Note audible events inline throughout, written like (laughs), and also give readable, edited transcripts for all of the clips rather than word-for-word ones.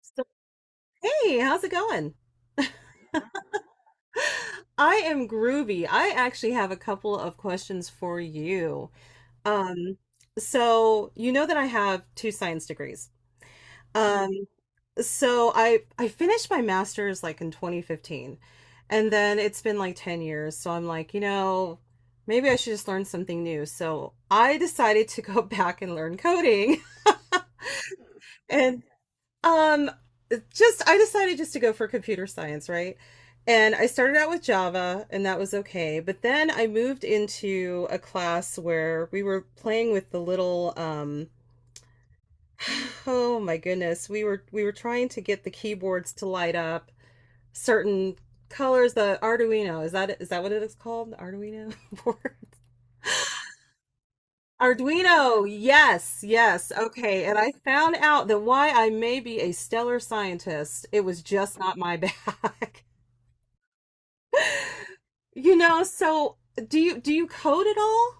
So, hey, how's it going? (laughs) I am groovy. I actually have a couple of questions for you. Um, so you know that I have two science degrees. Um, so I finished my master's like in 2015, and then it's been like 10 years. So I'm like, you know, maybe I should just learn something new. So I decided to go (laughs) back and learn coding. (laughs) And um, just I decided just to go for computer science, right? And I started out with Java, and that was okay. But then I moved into a class where we were playing with the little (sighs) oh my goodness, we were trying to get the keyboards to light up certain colors, the Arduino. Is that what it is called? The Arduino board? (laughs) Arduino, yes, yes. Okay. And I found out that why I may be a stellar scientist, it was just not my bag. (laughs) (laughs) You know, so do you code at all?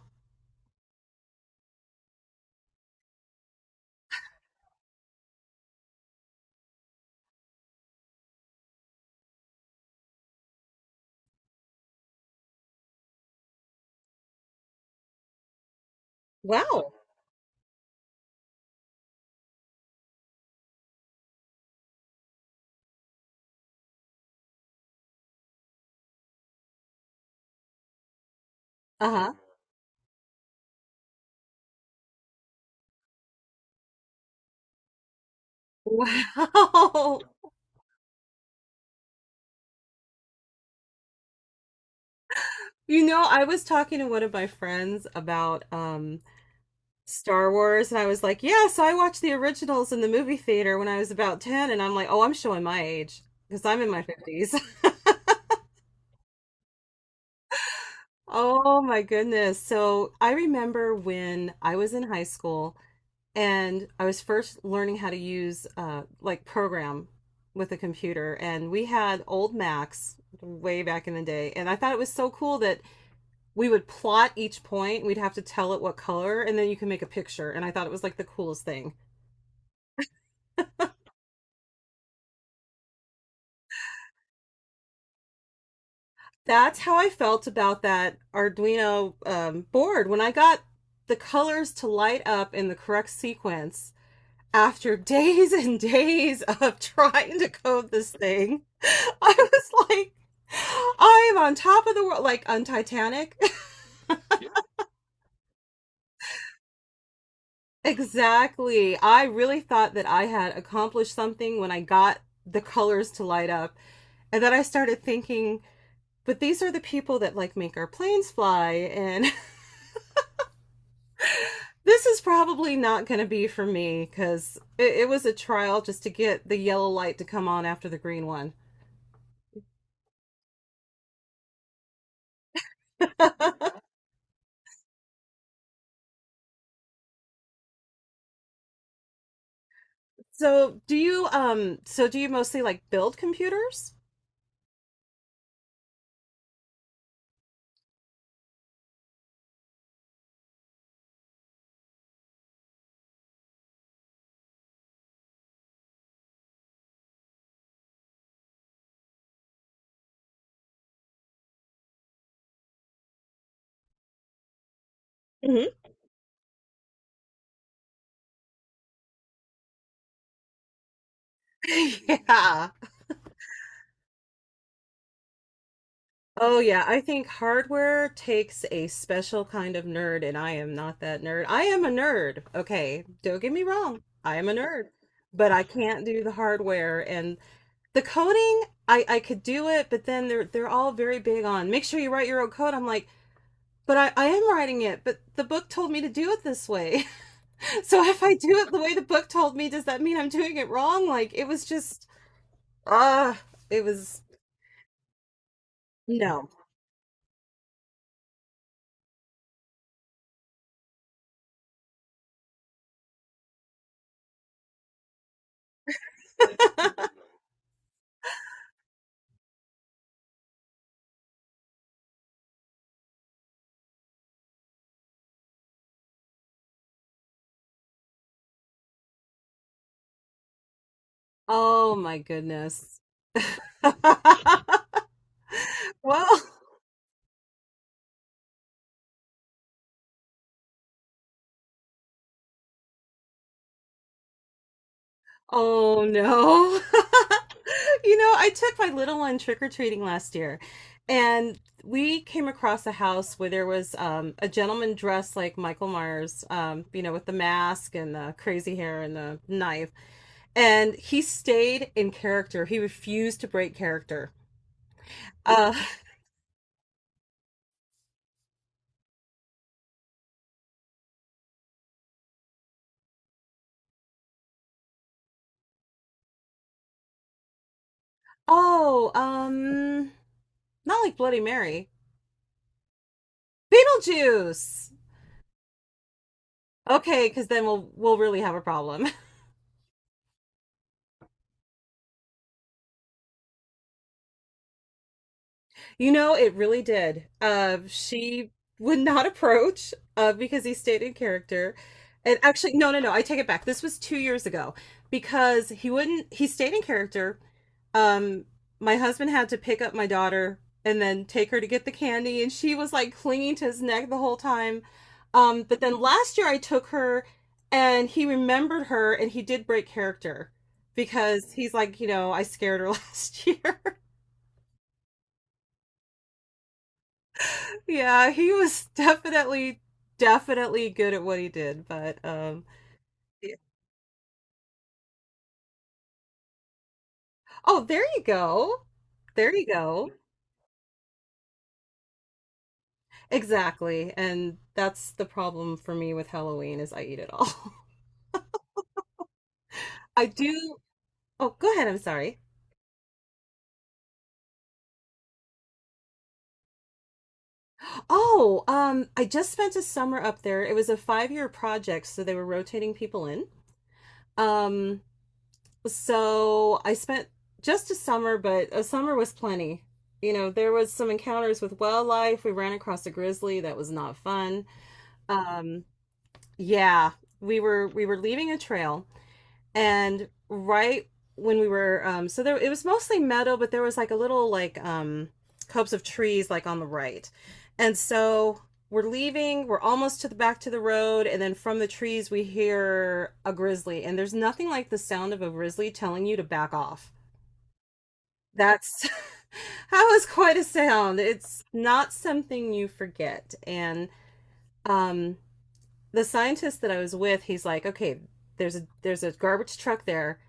Wow. Uh-huh. (laughs) Wow. You know, I was talking to one of my friends about Star Wars and I was like, "Yeah, so I watched the originals in the movie theater when I was about 10." And I'm like, "Oh, I'm showing my age because I'm in my fifties." (laughs) Oh my goodness. So, I remember when I was in high school and I was first learning how to use like program with a computer, and we had old Macs way back in the day, and I thought it was so cool that we would plot each point. We'd have to tell it what color, and then you can make a picture, and I thought it was like the coolest thing. That's how I felt about that Arduino board when I got the colors to light up in the correct sequence after days and days of trying to code this thing, I was like, I am on top of the world, like on Titanic. (laughs) Exactly. I really thought that I had accomplished something when I got the colors to light up. And then I started thinking, but these are the people that like make our planes fly. And (laughs) this is probably not going to be for me because it was a trial just to get the yellow light to come on after the green one. So do you mostly like build computers? Hmm. (laughs) Yeah. Oh yeah, I think hardware takes a special kind of nerd, and I am not that nerd. I am a nerd. Okay, don't get me wrong. I am a nerd, but I can't do the hardware and the coding. I could do it, but then they're all very big on make sure you write your own code. I'm like, but I am writing it, but the book told me to do it this way. (laughs) So if I do it the way the book told me, does that mean I'm doing it wrong? Like it was just ah, it was no. Oh my goodness. (laughs) Well, (laughs) oh no. (laughs) You know, I took my little one trick-or-treating last year, and we came across a house where there was a gentleman dressed like Michael Myers, you know, with the mask and the crazy hair and the knife. And he stayed in character. He refused to break character. Uh, (laughs) oh, not like Bloody Mary. Beetlejuice. Okay, because then we'll really have a problem. (laughs) You know, it really did. She would not approach because he stayed in character. And actually, no, no, no, I take it back. This was 2 years ago because he wouldn't, he stayed in character. Um, my husband had to pick up my daughter and then take her to get the candy, and she was like clinging to his neck the whole time. But then last year I took her and he remembered her and he did break character because he's like, you know, I scared her last year. (laughs) Yeah, he was definitely good at what he did, but yeah. Oh, there you go. There you go. Exactly. And that's the problem for me with Halloween is I eat it all. (laughs) I do. Oh, go ahead. I'm sorry. Oh, I just spent a summer up there. It was a 5 year project, so they were rotating people in. Um, so I spent just a summer, but a summer was plenty. You know, there was some encounters with wildlife. We ran across a grizzly that was not fun. Um, yeah, we were leaving a trail and right when we were so there it was mostly meadow but there was like a little like copse of trees like on the right, and so we're leaving, we're almost to the back to the road, and then from the trees we hear a grizzly, and there's nothing like the sound of a grizzly telling you to back off. That's (laughs) That was quite a sound. It's not something you forget. And um the scientist that I was with, he's like, okay, there's a garbage truck there.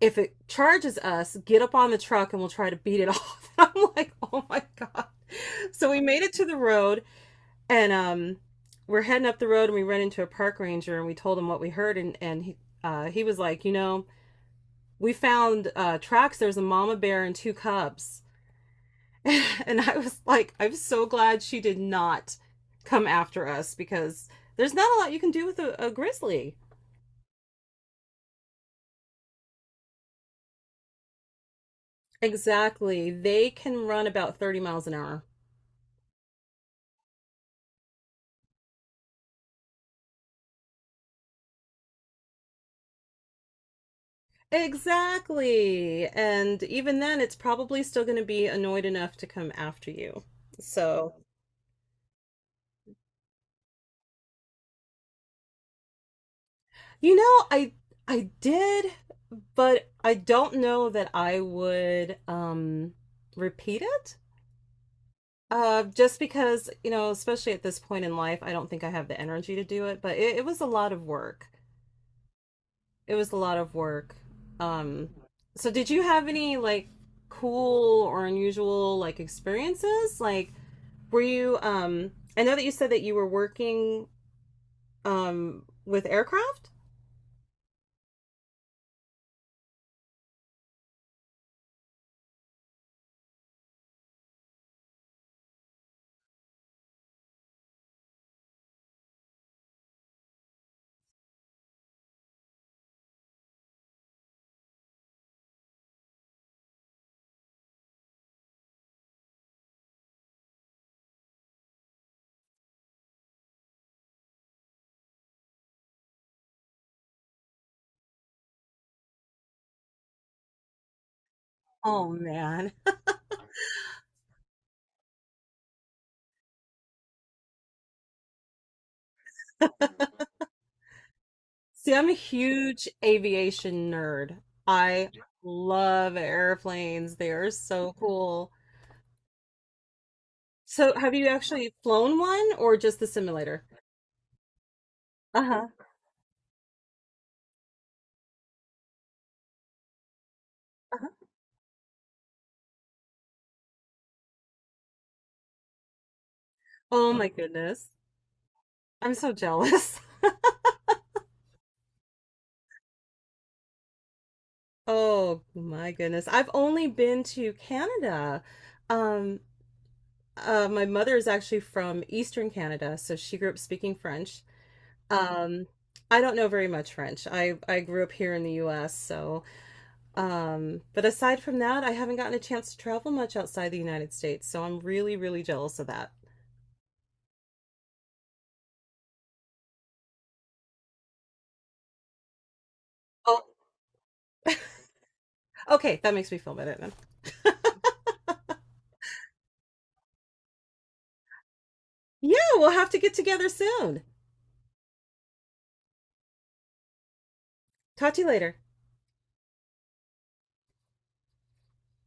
If it charges us, get up on the truck and we'll try to beat it off. (laughs) I'm like, oh my god. So we made it to the road and we're heading up the road and we run into a park ranger and we told him what we heard, and he was like, you know, we found tracks. There's a mama bear and two cubs, (laughs) and I was like, I'm so glad she did not come after us because there's not a lot you can do with a grizzly. Exactly, they can run about 30 miles an hour. Exactly. And even then, it's probably still going to be annoyed enough to come after you. So, you know, I did, but I don't know that I would repeat it. Uh, just because, you know, especially at this point in life, I don't think I have the energy to do it, but it was a lot of work. It was a lot of work. Um so did you have any like cool or unusual like experiences like were you? I know that you said that you were working with aircraft. Oh man. See, I'm a huge aviation nerd. I love airplanes. They are so cool. So, have you actually flown one or just the simulator? Uh huh. Uh-huh. Oh my goodness. I'm so jealous. (laughs) Oh my goodness. I've only been to Canada. Um, my mother is actually from Eastern Canada, so she grew up speaking French. Um, I don't know very much French. I grew up here in the U.S., so but aside from that, I haven't gotten a chance to travel much outside the United States, so I'm really jealous of that. Oh, okay, that makes me feel better then. Yeah, we'll have to get together soon. Talk to you later.